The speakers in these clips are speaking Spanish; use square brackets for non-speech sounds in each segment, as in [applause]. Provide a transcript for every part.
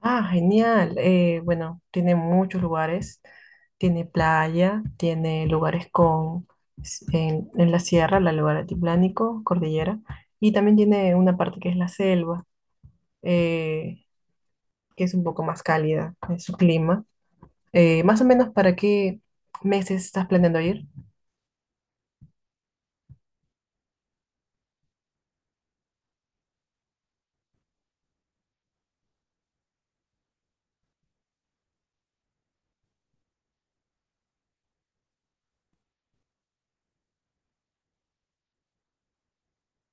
Ah, genial. Bueno, tiene muchos lugares. Tiene playa, tiene lugares con en la sierra, la lugar altiplánico, cordillera, y también tiene una parte que es la selva, eh, que es un poco más cálida en su clima. Más o menos, ¿para qué meses estás planeando ir?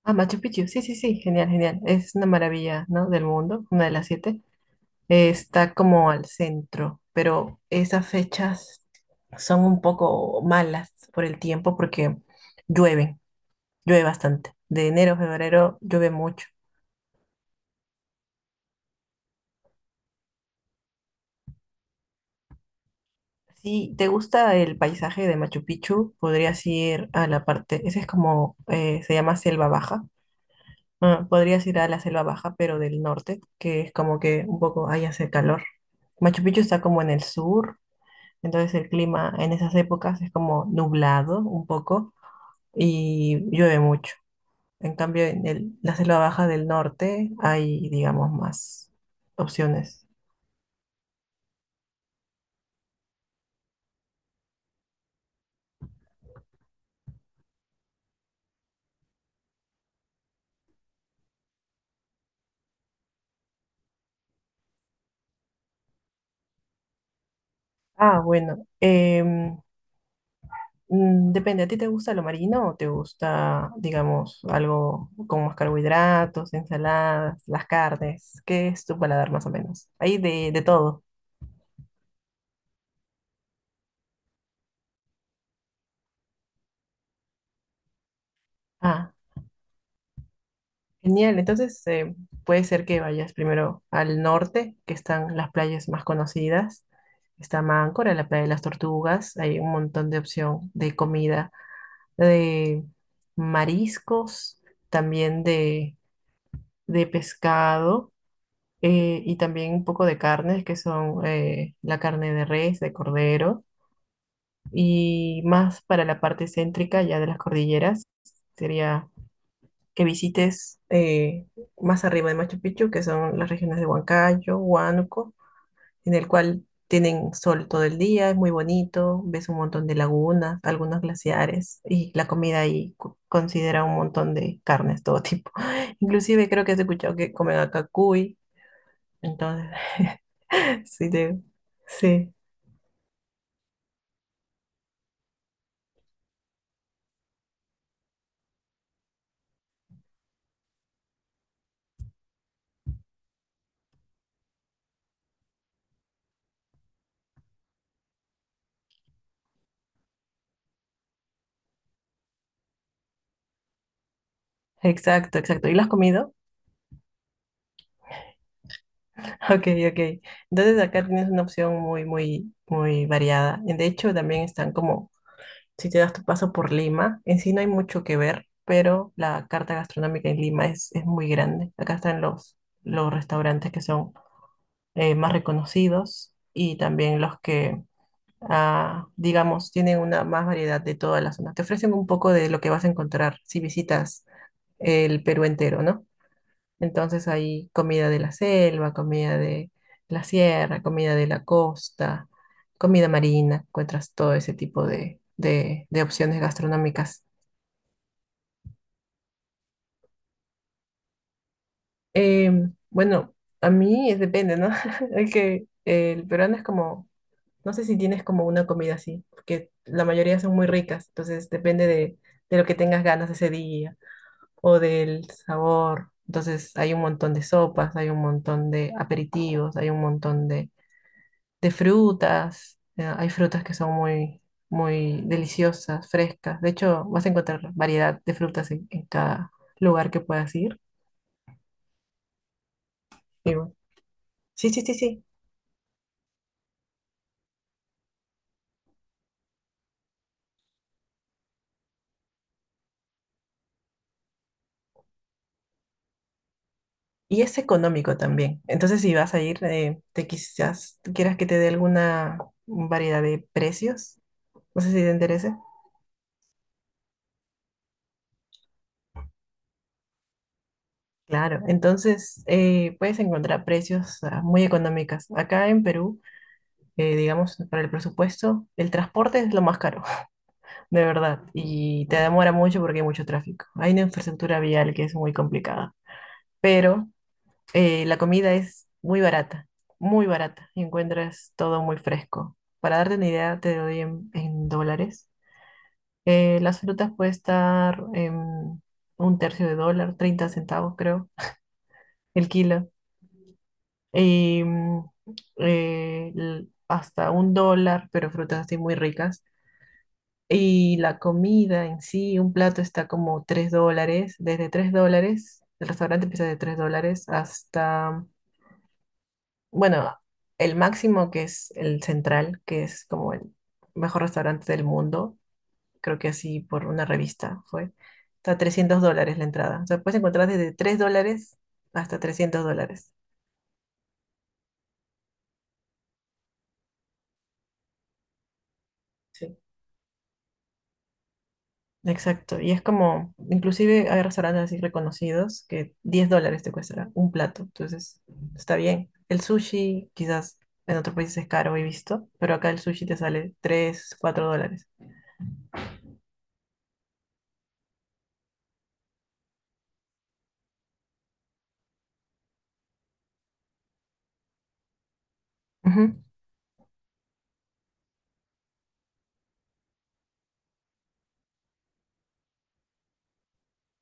Ah, Machu Picchu. Sí, sí, sí. Genial, genial. Es una maravilla, ¿no? Del mundo, una de las siete. Está como al centro, pero esas fechas son un poco malas por el tiempo porque llueven, llueve bastante. De enero a febrero llueve mucho. Si te gusta el paisaje de Machu Picchu, podrías ir a la parte, ese es como, se llama Selva Baja. Ah, podrías ir a la Selva Baja, pero del norte, que es como que un poco ahí hace calor. Machu Picchu está como en el sur, entonces el clima en esas épocas es como nublado un poco y llueve mucho. En cambio, la selva baja del norte hay, digamos, más opciones. Ah, bueno, depende. ¿A ti te gusta lo marino o te gusta, digamos, algo con más carbohidratos, ensaladas, las carnes? ¿Qué es tu paladar más o menos? Hay de, todo. Ah. Genial, entonces puede ser que vayas primero al norte, que están las playas más conocidas. Está Máncora, la playa de las tortugas, hay un montón de opción de comida, de mariscos, también de pescado, y también un poco de carnes, que son la carne de res, de cordero, y más para la parte céntrica ya de las cordilleras, sería que visites más arriba de Machu Picchu, que son las regiones de Huancayo, Huánuco, en el cual tienen sol todo el día, es muy bonito, ves un montón de lagunas, algunos glaciares y la comida ahí considera un montón de carnes, todo tipo. [laughs] Inclusive creo que has escuchado que comen acá cuy, entonces [laughs] sí, sí, exacto, exacto. ¿Y lo has comido? [laughs] Ok, ok. Entonces acá tienes una opción muy, muy, muy variada. De hecho, también están como si te das tu paso por Lima. En sí no hay mucho que ver, pero la carta gastronómica en Lima es muy grande. Acá están los restaurantes que son más reconocidos y también los que, ah, digamos, tienen una más variedad de toda la zona. Te ofrecen un poco de lo que vas a encontrar si visitas el Perú entero, ¿no? Entonces hay comida de la selva, comida de la sierra, comida de la costa, comida marina. Encuentras todo ese tipo de opciones gastronómicas. Eh, bueno, a mí depende, ¿no? [laughs] Es que el peruano es como, no sé si tienes como una comida así, porque la mayoría son muy ricas, entonces depende de, lo que tengas ganas ese día o del sabor. Entonces hay un montón de sopas, hay un montón de aperitivos, hay un montón de, frutas. Hay frutas que son muy, muy deliciosas, frescas. De hecho, vas a encontrar variedad de frutas en cada lugar que puedas ir. Y bueno, sí, sí, sí, sí. Y es económico también. Entonces, si vas a ir, te quizás quieras que te dé alguna variedad de precios. No sé si te interesa. Claro, entonces puedes encontrar precios, ah, muy económicas. Acá en Perú, digamos, para el presupuesto, el transporte es lo más caro, [laughs] de verdad, y te demora mucho porque hay mucho tráfico. Hay una infraestructura vial que es muy complicada, pero la comida es muy barata, y encuentras todo muy fresco. Para darte una idea, te doy en dólares. Las frutas puede estar en un tercio de dólar, 30 centavos creo, el kilo. Y hasta un dólar, pero frutas así muy ricas. Y la comida en sí, un plato está como $3, desde $3, el restaurante empieza de $3 hasta, bueno, el máximo, que es el Central, que es como el mejor restaurante del mundo, creo que así por una revista fue, está $300 la entrada. O sea, puedes encontrar desde $3 hasta $300. Sí. Exacto, y es como, inclusive hay restaurantes así reconocidos que $10 te cuesta un plato, entonces está bien. El sushi quizás en otros países es caro, he visto, pero acá el sushi te sale $3, $4.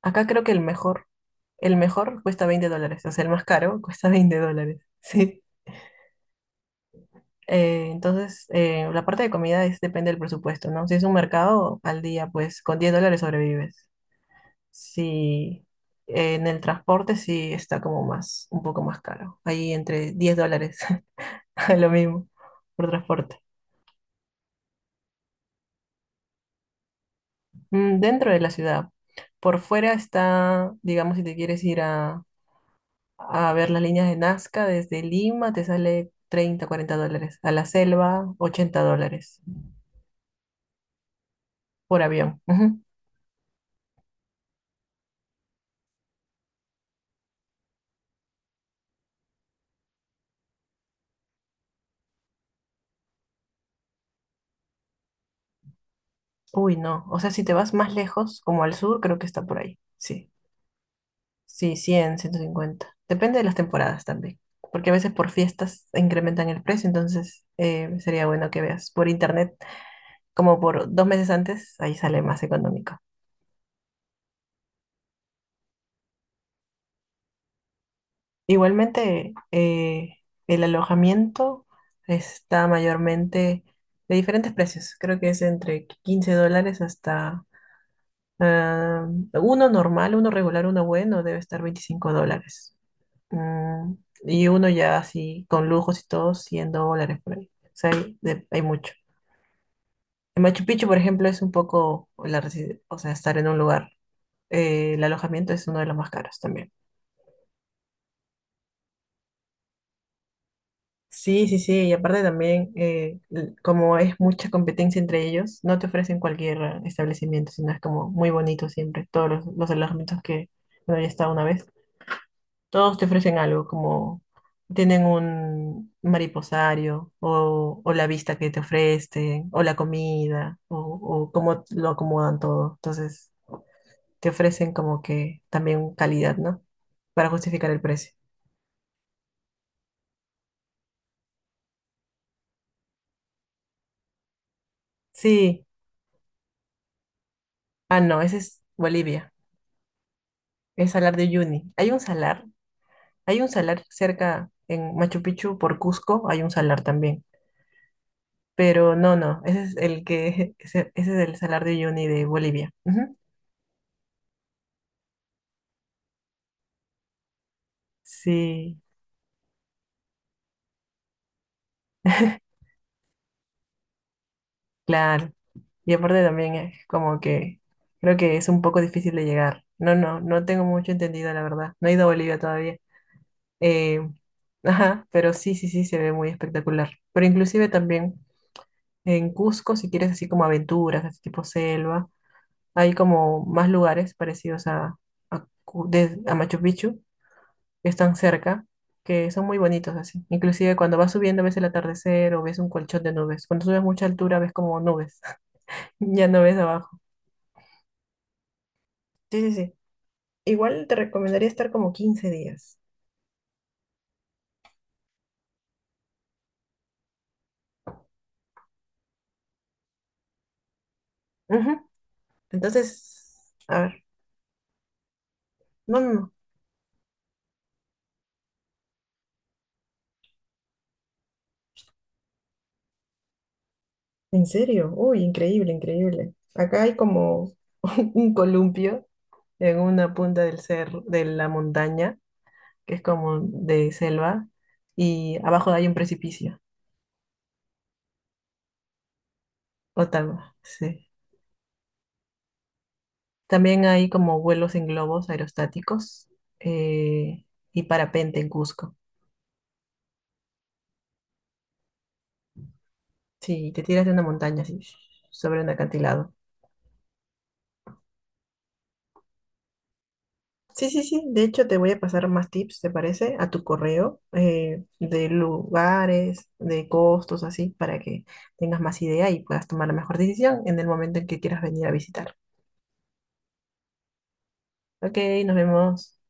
Acá creo que el mejor cuesta $20. O sea, el más caro [laughs] cuesta $20, sí. Entonces, la parte de comida es, depende del presupuesto, ¿no? Si es un mercado al día, pues con $10 sobrevives. Si en el transporte sí está como más, un poco más caro, ahí entre $10, [laughs] lo mismo, por transporte. Dentro de la ciudad, por fuera está, digamos, si te quieres ir a ver las líneas de Nazca desde Lima, te sale $30 $40. A la selva, $80 por avión. Ujú. Uy, no. O sea, si te vas más lejos, como al sur, creo que está por ahí. Sí. Sí, 100 150 Depende de las temporadas también. Porque a veces por fiestas incrementan el precio, entonces sería bueno que veas por internet, como por 2 meses antes, ahí sale más económico. Igualmente, el alojamiento está mayormente de diferentes precios. Creo que es entre $15 hasta, ah, uno normal, uno regular, uno bueno, debe estar $25. Mm, y uno ya así, con lujos y todo, $100 por ahí. O sea, hay mucho. En Machu Picchu, por ejemplo, es un poco, o sea, estar en un lugar. El alojamiento es uno de los más caros también. Sí, sí, sí, y aparte también, como es mucha competencia entre ellos, no te ofrecen cualquier establecimiento, sino es como muy bonito siempre, todos los alojamientos que, bueno, ya estado una vez, todos te ofrecen algo, como tienen un mariposario, o la vista que te ofrecen, o la comida, o cómo lo acomodan todo, entonces te ofrecen como que también calidad, ¿no? Para justificar el precio. Sí, ah, no, ese es Bolivia. El salar de Uyuni. Hay un salar cerca en Machu Picchu por Cusco, hay un salar también. Pero no, no, ese es el que, [laughs] ese es el salar de Uyuni de Bolivia. Ujú. Sí, [laughs] claro. Y aparte también es como que creo que es un poco difícil de llegar. No, no, no tengo mucho entendido, la verdad. No he ido a Bolivia todavía. Eh, ajá, pero sí, sí, sí, se ve muy espectacular. Pero inclusive también en Cusco, si quieres así como aventuras, así tipo selva. Hay como más lugares parecidos a Machu Picchu, que están cerca, que son muy bonitos así. Inclusive cuando vas subiendo ves el atardecer o ves un colchón de nubes. Cuando subes mucha altura ves como nubes, [laughs] ya no ves abajo. Sí, sí, sí. Igual te recomendaría estar como 15 días. Ujú. Entonces, a ver, no, no, no. ¿En serio? Uy, increíble, increíble. Acá hay como [laughs] un columpio en una punta del cerro, de la montaña, que es como de selva, y abajo hay un precipicio, Ottawa, sí. También hay como vuelos en globos aerostáticos eh, y parapente en Cusco. Sí, te tiras de una montaña así, sobre un acantilado. Sí, sí, sí. De hecho, te voy a pasar más tips, ¿te parece? A tu correo, de lugares, de costos, así, para que tengas más idea y puedas tomar la mejor decisión en el momento en que quieras venir a visitar. Ok, nos vemos.